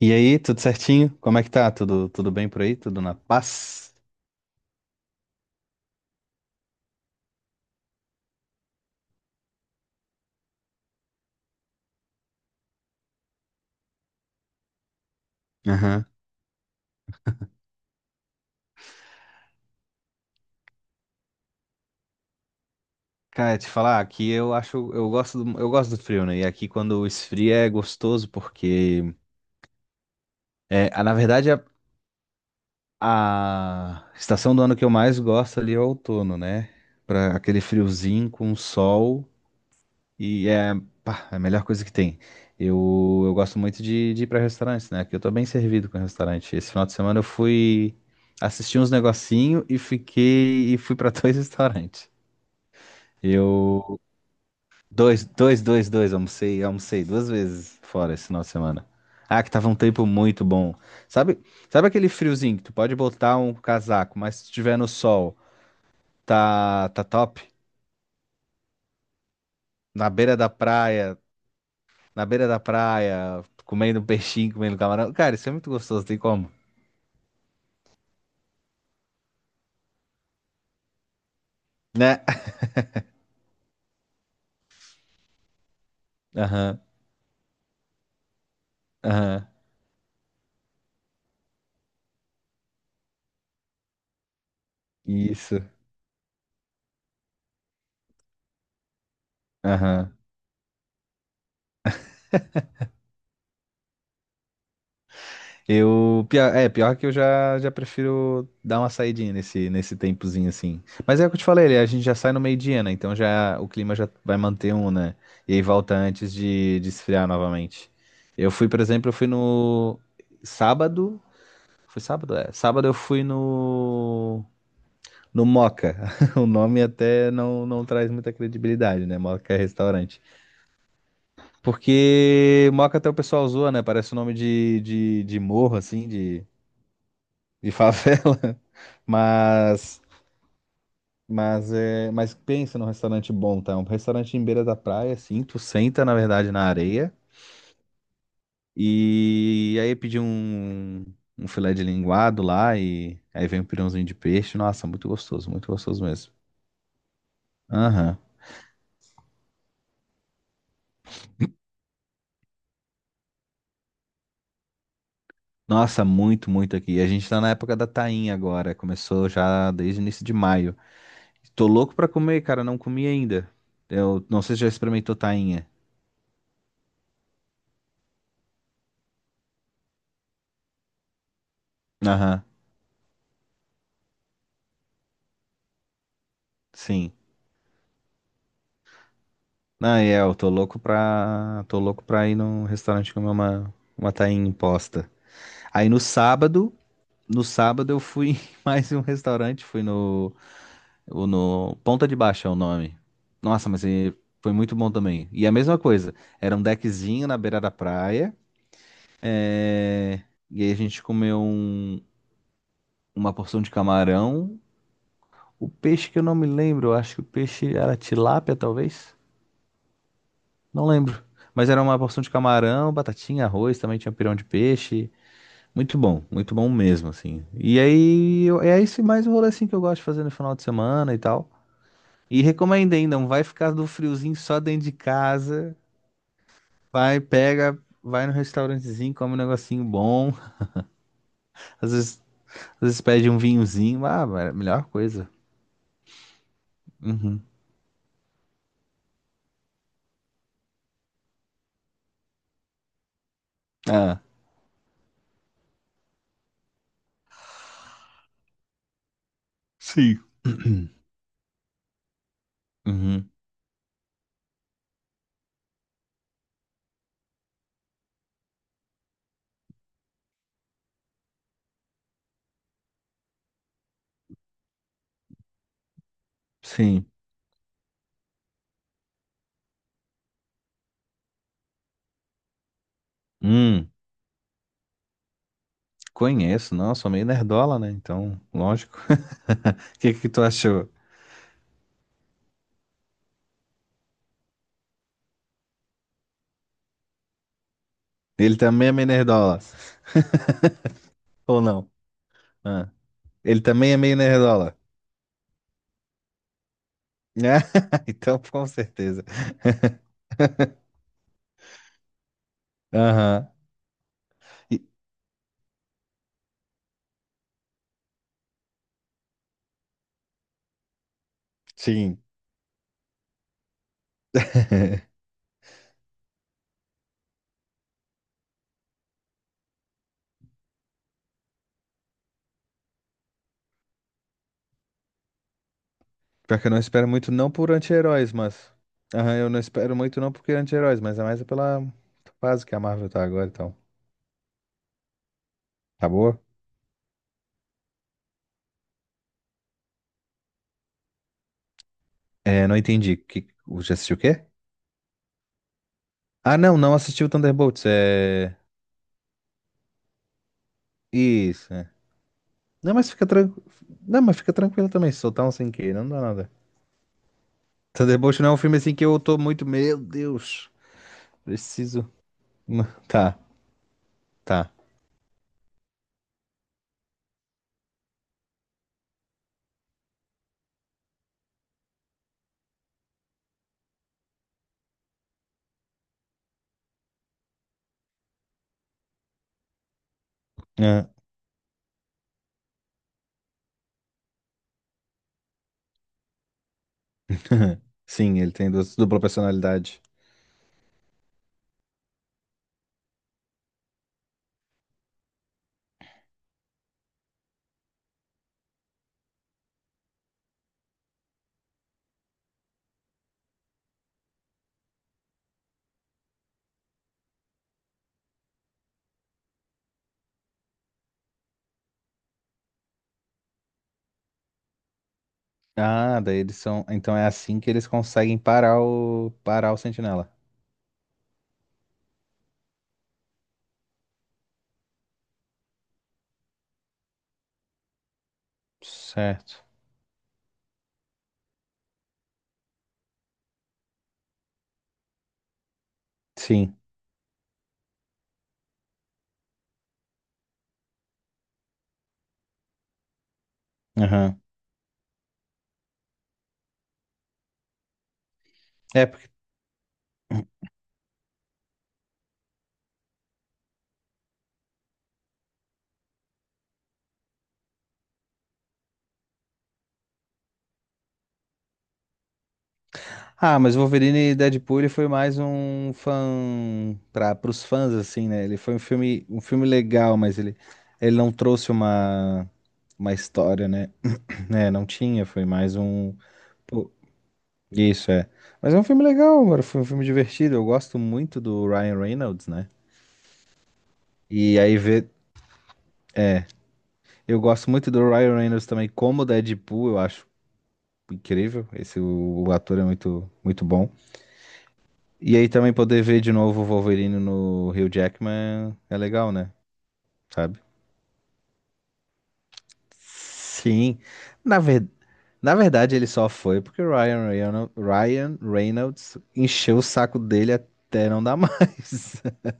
E aí, tudo certinho? Como é que tá? Tudo bem por aí? Tudo na paz? Aham. Cara, te falar, aqui eu acho, eu gosto do frio, né? E aqui quando esfria é gostoso porque, é, a- na verdade, a, a estação do ano que eu mais gosto ali é o outono, né? Pra aquele friozinho com sol. E é, pá, é a melhor coisa que tem. Eu gosto muito de ir para restaurantes, né? Que eu tô bem servido com restaurante. Esse final de semana eu fui assistir uns negocinho e fiquei e fui para dois restaurantes. Eu dois, dois, dois, dois, almocei duas vezes fora esse final de semana. Ah, que tava um tempo muito bom. Sabe, sabe aquele friozinho que tu pode botar um casaco, mas se estiver no sol, tá top. Na beira da praia, na beira da praia, comendo um peixinho, comendo camarão. Cara, isso é muito gostoso, tem como, né? Aham, aham, isso, aham. Pior que eu já prefiro dar uma saidinha nesse tempozinho assim. Mas é o que eu te falei, a gente já sai no meio-dia, né? Então já o clima já vai manter um, né? E aí volta antes de esfriar novamente. Eu fui, por exemplo, eu fui no sábado, foi sábado, é. Sábado eu fui no Moca. O nome até não traz muita credibilidade, né? Moca é restaurante. Porque Moca até o pessoal zoa, né? Parece o nome de morro, assim, de favela. Mas, mas pensa num restaurante bom, tá? Um restaurante em beira da praia, assim. Tu senta, na verdade, na areia. E aí pedir um filé de linguado lá. E aí vem um pirãozinho de peixe. Nossa, muito gostoso mesmo. Aham. Nossa, muito, muito aqui. A gente tá na época da tainha agora. Começou já desde o início de maio. Tô louco pra comer, cara. Não comi ainda. Eu não sei se já experimentou tainha. Aham, sim. Não, é, eu tô louco pra. Tô louco pra ir num restaurante comer uma tainha imposta. Aí no sábado, no sábado eu fui em mais um restaurante, fui no. Ponta de Baixa é o nome. Nossa, mas e- foi muito bom também. E a mesma coisa. Era um deckzinho na beira da praia. É, e aí a gente comeu um- uma porção de camarão. O peixe que eu não me lembro, eu acho que o peixe era tilápia, talvez. Não lembro. Mas era uma porção de camarão, batatinha, arroz, também tinha pirão de peixe. Muito bom mesmo, assim. E aí, é esse mais o rolê assim que eu gosto de fazer no final de semana e tal. E recomendo hein, não vai ficar do friozinho só dentro de casa. Vai, pega, vai no restaurantezinho, come um negocinho bom. Às vezes, às vezes pede um vinhozinho. Ah, a melhor coisa. Uhum. Ah, sim. Uhum. Sim. Hum, conheço, não, sou meio nerdola, né? Então, lógico. O que que tu achou? Ele também é meio nerdola. Ou não? Ah, ele também é meio nerdola. Ah, então, com certeza. Aham. E- sim. Pior que eu não espero muito não por anti-heróis, mas... Aham, eu não espero muito não porque anti-heróis, mas é mais pela fase que a Marvel tá agora, então. Tá boa? É, não entendi. Que... Já assistiu o quê? Ah, não, não assisti o Thunderbolts. É. Isso, é. Não, mas fica tranquilo. Não, mas fica tranquilo também, se soltar um sem querer, não dá nada. Thunderbolts não é um filme assim que eu tô muito. Meu Deus, preciso. Tá, tá. Ah, sim, ele tem duas- dupla personalidade. Ah, daí eles são. Então é assim que eles conseguem parar o. parar o Sentinela. Certo. Sim. Aham. Porque ah, mas Wolverine e Deadpool ele foi mais um fã para os fãs assim, né? Ele foi um filme legal, mas ele ele não trouxe uma história, né? Né, não tinha, foi mais um pô, isso é. Mas é um filme legal, mano, foi um filme divertido. Eu gosto muito do Ryan Reynolds, né? E aí ver é, eu gosto muito do Ryan Reynolds também como Deadpool, eu acho incrível. Esse o ator é muito muito bom. E aí também poder ver de novo o Wolverine no Hugh Jackman é legal, né? Sabe? Sim. Na ver... Na verdade, ele só foi porque Ryan Reynolds encheu o saco dele até não dar mais.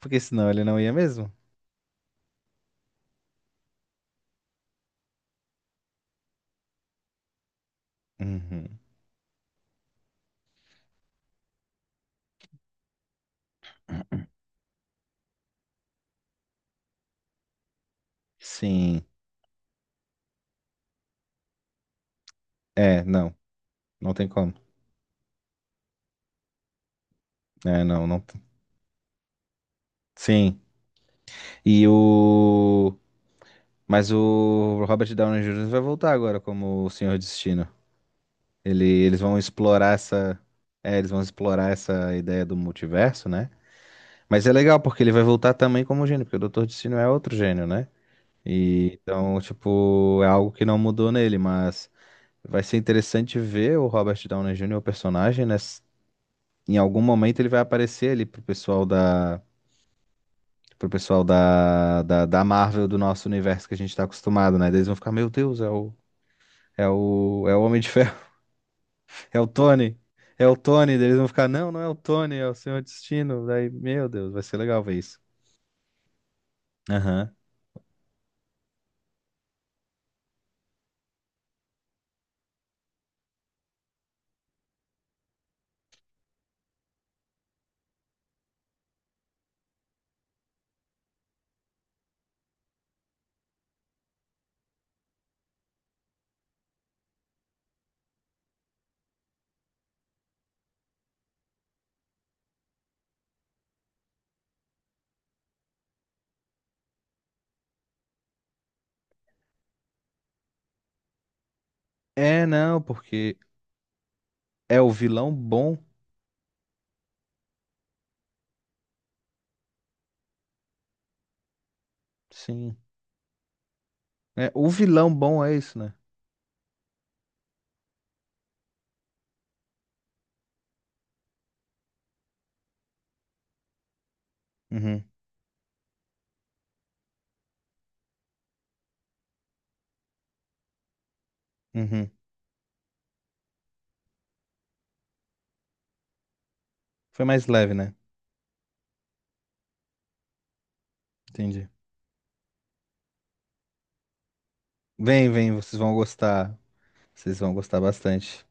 Porque senão ele não ia mesmo. Uhum. Sim. É, não. Não tem como. É, não, não. tem. Sim. E o. Mas o Robert Downey Jr. vai voltar agora como o Senhor Destino. Eles vão explorar essa. É, eles vão explorar essa ideia do multiverso, né? Mas é legal, porque ele vai voltar também como gênio, porque o Dr. Destino é outro gênio, né? E, então, tipo, é algo que não mudou nele, mas vai ser interessante ver o Robert Downey Jr., o personagem, né? S- em algum momento ele vai aparecer ali pro pessoal da. Pro pessoal da, da, da Marvel, do nosso universo que a gente tá acostumado, né? Daí eles vão ficar, meu Deus, é o Homem de Ferro. É o Tony. É o Tony. Daí eles vão ficar, não, não é o Tony, é o Senhor Destino. Daí, meu Deus, vai ser legal ver isso. Aham. É, não, porque é o vilão bom. Sim. É, o vilão bom é isso, né? Uhum, uhum. Foi mais leve, né? Entendi. Vem, vem, vocês vão gostar. Vocês vão gostar bastante.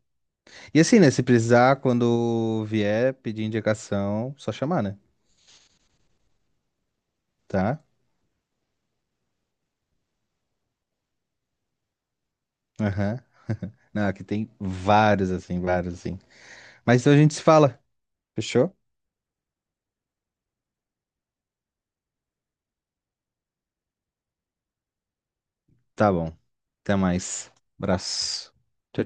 E assim, né? Se precisar, quando vier pedir indicação, só chamar, né? Tá? Aham. Não, aqui tem vários, assim, vários, assim. Mas então a gente se fala. Fechou? Tá bom. Até mais. Abraço. Tchau,